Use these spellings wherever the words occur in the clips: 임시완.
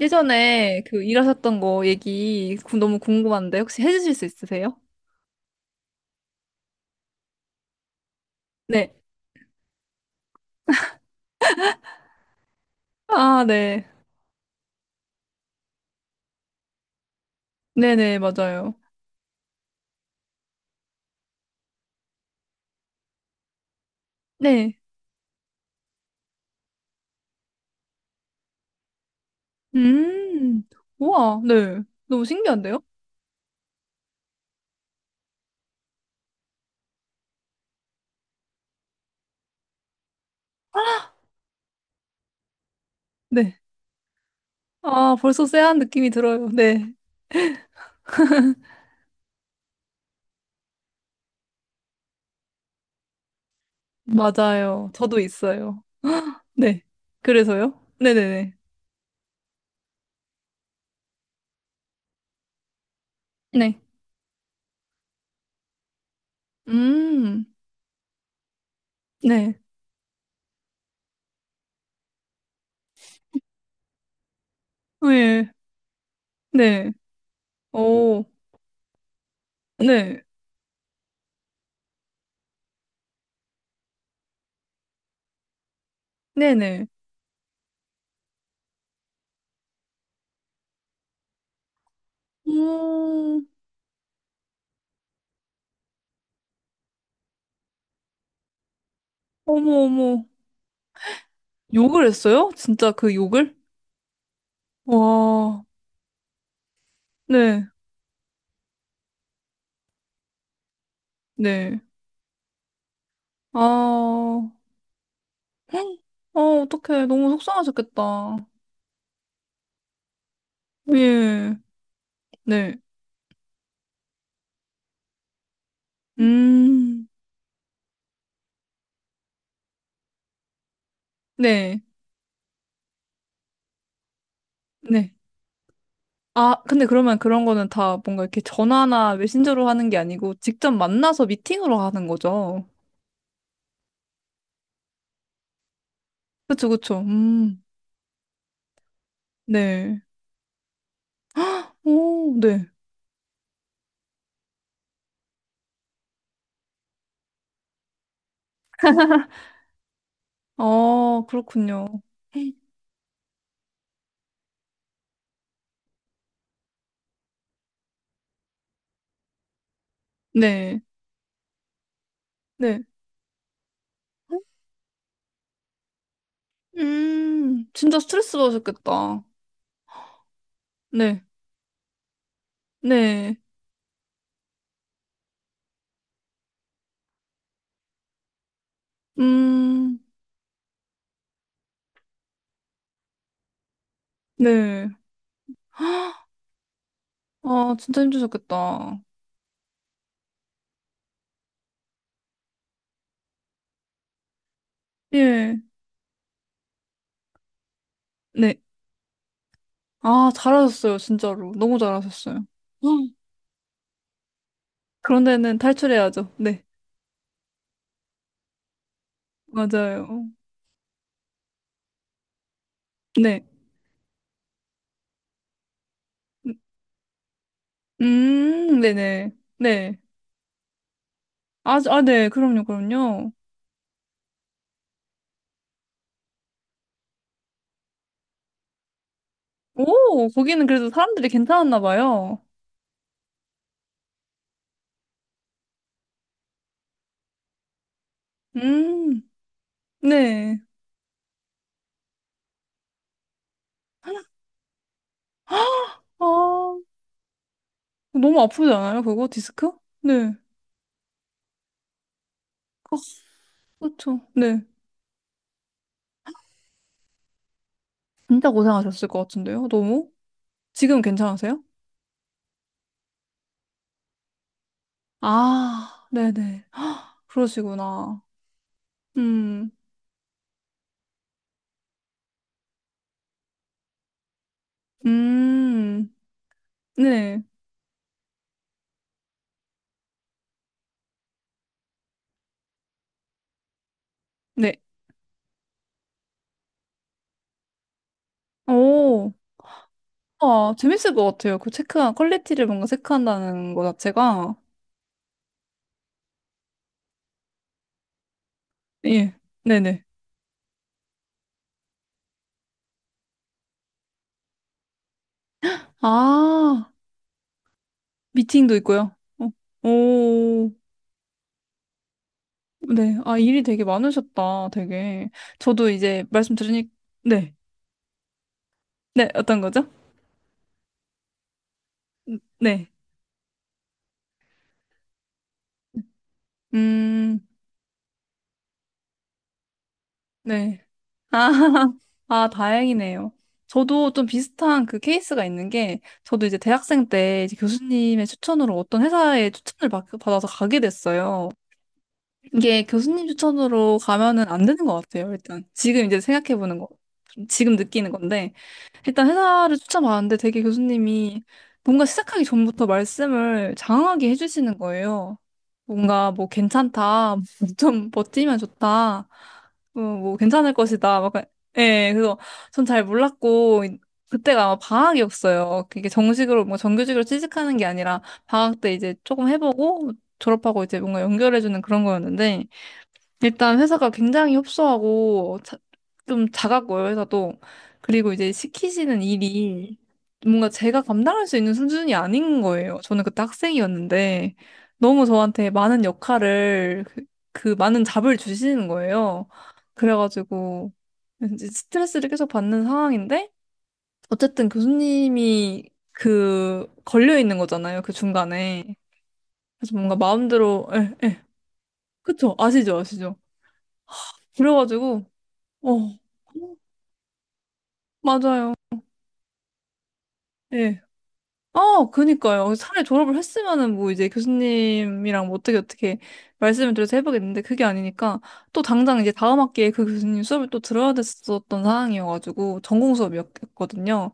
예전에 일하셨던 거 얘기 너무 궁금한데 혹시 해주실 수 있으세요? 네. 아, 네. 네네, 맞아요. 네. 음, 우와, 네. 너무 신기한데요? 네. 아, 벌써 쎄한 느낌이 들어요. 네. 맞아요. 저도 있어요. 네. 그래서요? 네네네. 네. 음, 네. 네. 네. 오, 네. 네네. 음, 어머, 어머. 욕을 했어요? 진짜 그 욕을? 와, 네, 네. 아, 헉, 아, 어떡해. 너무 속상하셨겠다. 예, 네. 음, 네, 네. 아, 근데 그러면 그런 거는 다 뭔가 이렇게 전화나 메신저로 하는 게 아니고 직접 만나서 미팅으로 하는 거죠. 그쵸, 그쵸. 네. 오, 네. 아, 그렇군요. 네, 네. 진짜 스트레스 받으셨겠다. 네, 네. 음, 네. 아, 진짜 힘드셨겠다. 예. 네. 아, 잘하셨어요, 진짜로. 너무 잘하셨어요. 헉, 그런 데는 탈출해야죠. 네. 맞아요. 네. 음, 네네. 네. 아, 아, 네. 그럼요, 그럼요. 오, 거기는 그래도 사람들이 괜찮았나 봐요. 음, 네. 아, 너무 아프지 않아요, 그거? 디스크? 네. 아, 그렇죠. 네. 진짜 고생하셨을 것 같은데요, 너무? 지금 괜찮으세요? 아, 네네. 그러시구나. 음, 음, 네, 네. 오, 아, 재밌을 것 같아요. 그 체크한, 퀄리티를 뭔가 체크한다는 거 자체가. 예, 네네. 아, 미팅도 있고요. 어, 오, 네. 아, 일이 되게 많으셨다, 되게. 저도 이제 말씀 들으니, 네. 네, 어떤 거죠? 네. 음, 네. 아, 아, 다행이네요. 저도 좀 비슷한 그 케이스가 있는 게, 저도 이제 대학생 때 이제 교수님의 추천으로 어떤 회사에 받아서 가게 됐어요. 이게 교수님 추천으로 가면은 안 되는 것 같아요, 일단. 지금 이제 생각해보는 거. 지금 느끼는 건데. 일단 회사를 추천받았는데 되게 교수님이 뭔가 시작하기 전부터 말씀을 장황하게 해주시는 거예요. 뭔가 뭐 괜찮다, 좀 버티면 좋다, 뭐 괜찮을 것이다. 막, 예, 그래서 전 잘 몰랐고, 그때가 아마 방학이었어요. 그게 정식으로, 뭐 정규직으로 취직하는 게 아니라 방학 때 이제 조금 해보고 졸업하고 이제 뭔가 연결해주는 그런 거였는데 일단 회사가 굉장히 협소하고 좀 작았고요, 회사도. 그리고 이제 시키시는 일이 뭔가 제가 감당할 수 있는 수준이 아닌 거예요. 저는 그때 학생이었는데 너무 저한테 많은 그 많은 잡을 주시는 거예요. 그래가지고 이제 스트레스를 계속 받는 상황인데 어쨌든 교수님이 그 걸려 있는 거잖아요, 그 중간에. 그래서 뭔가 마음대로 예, 예, 그쵸? 아시죠? 아시죠? 그래가지고, 어, 맞아요. 예. 아, 그니까요. 차라리 졸업을 했으면은 뭐 이제 교수님이랑 어떻게 말씀을 드려서 해보겠는데 그게 아니니까 또 당장 이제 다음 학기에 그 교수님 수업을 또 들어야 됐었던 상황이어가지고 전공 수업이었거든요.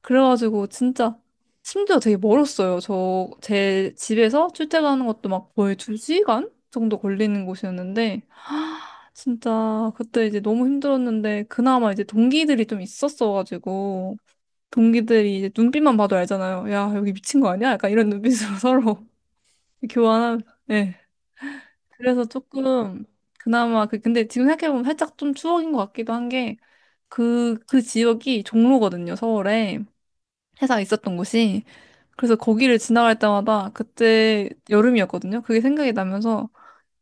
그래가지고 진짜 심지어 되게 멀었어요. 저 제 집에서 출퇴근하는 것도 막 거의 2시간 정도 걸리는 곳이었는데 진짜 그때 이제 너무 힘들었는데 그나마 이제 동기들이 좀 있었어가지고 동기들이 이제 눈빛만 봐도 알잖아요. 야 여기 미친 거 아니야? 약간 이런 눈빛으로 서로 교환한. 네. 그래서 조금 그나마 그 근데 지금 생각해보면 살짝 좀 추억인 것 같기도 한 게 그 지역이 종로거든요. 서울에 회사 있었던 곳이. 그래서 거기를 지나갈 때마다 그때 여름이었거든요. 그게 생각이 나면서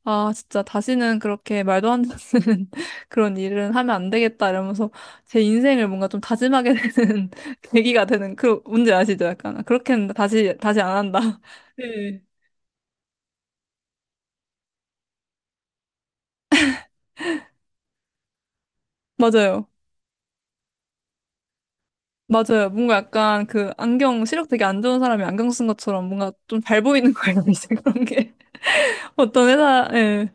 아, 진짜 다시는 그렇게 말도 안 되는 그런 일은 하면 안 되겠다 이러면서 제 인생을 뭔가 좀 다짐하게 되는 계기가 되는 그 문제 아시죠? 약간 아, 그렇게는 다시 안 한다. 네. 맞아요. 맞아요. 뭔가 약간 그 안경 시력 되게 안 좋은 사람이 안경 쓴 것처럼 뭔가 좀 잘 보이는 거예요. 이제 그런 게 어떤 회사 예.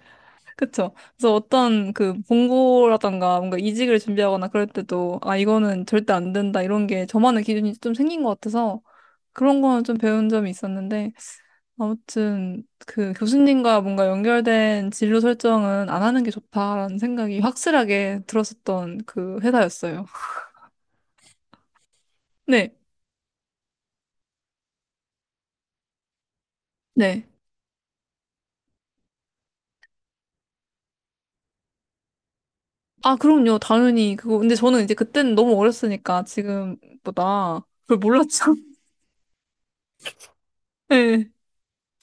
그쵸. 그래서 어떤 그 봉고라던가 뭔가 이직을 준비하거나 그럴 때도 아, 이거는 절대 안 된다 이런 게 저만의 기준이 좀 생긴 것 같아서 그런 거는 좀 배운 점이 있었는데 아무튼 그 교수님과 뭔가 연결된 진로 설정은 안 하는 게 좋다라는 생각이 확실하게 들었었던 그 회사였어요. 네, 네. 아, 그럼요. 당연히 그거. 근데 저는 이제 그때는 너무 어렸으니까 지금보다 그걸 몰랐죠. 네,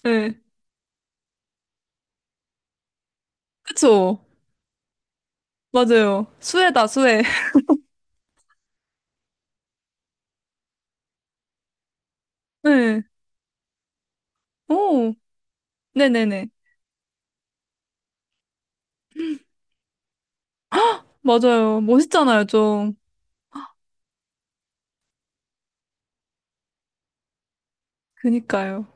네. 그쵸. 맞아요. 수혜다, 수혜. 네. 오, 네네네. 맞아요. 멋있잖아요, 좀. 그니까요.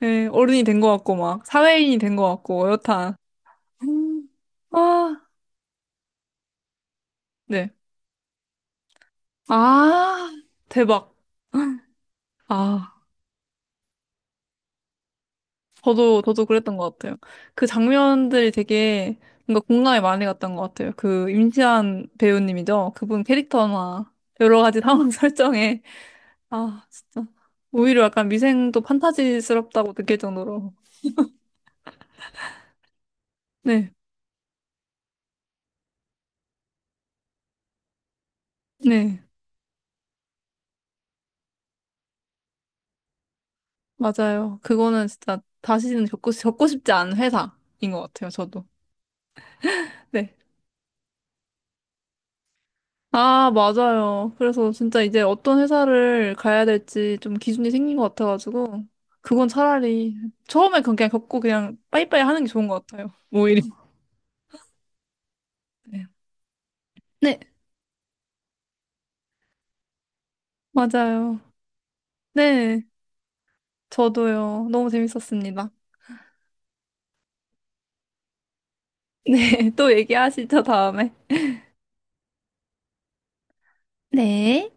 네, 어른이 된 것 같고, 막, 사회인이 된 것 같고, 어엿한. 음. 아, 네. 아, 대박. 아, 저도 그랬던 것 같아요. 그 장면들이 되게 뭔가 공감이 많이 갔던 것 같아요. 그 임시완 배우님이죠. 그분 캐릭터나 여러 가지 상황 설정에. 아, 진짜. 오히려 약간 미생도 판타지스럽다고 느낄 정도로. 네, 네. 맞아요. 그거는 진짜 다시는 겪고 싶지 않은 회사인 것 같아요, 저도. 네. 아, 맞아요. 그래서 진짜 이제 어떤 회사를 가야 될지 좀 기준이 생긴 것 같아가지고, 그건 차라리 처음에 그건 그냥 겪고 그냥 빠이빠이 하는 게 좋은 것 같아요. 오히려. 네. 네, 맞아요. 네, 저도요. 너무 재밌었습니다. 네, 또 얘기하시죠, 다음에. 네.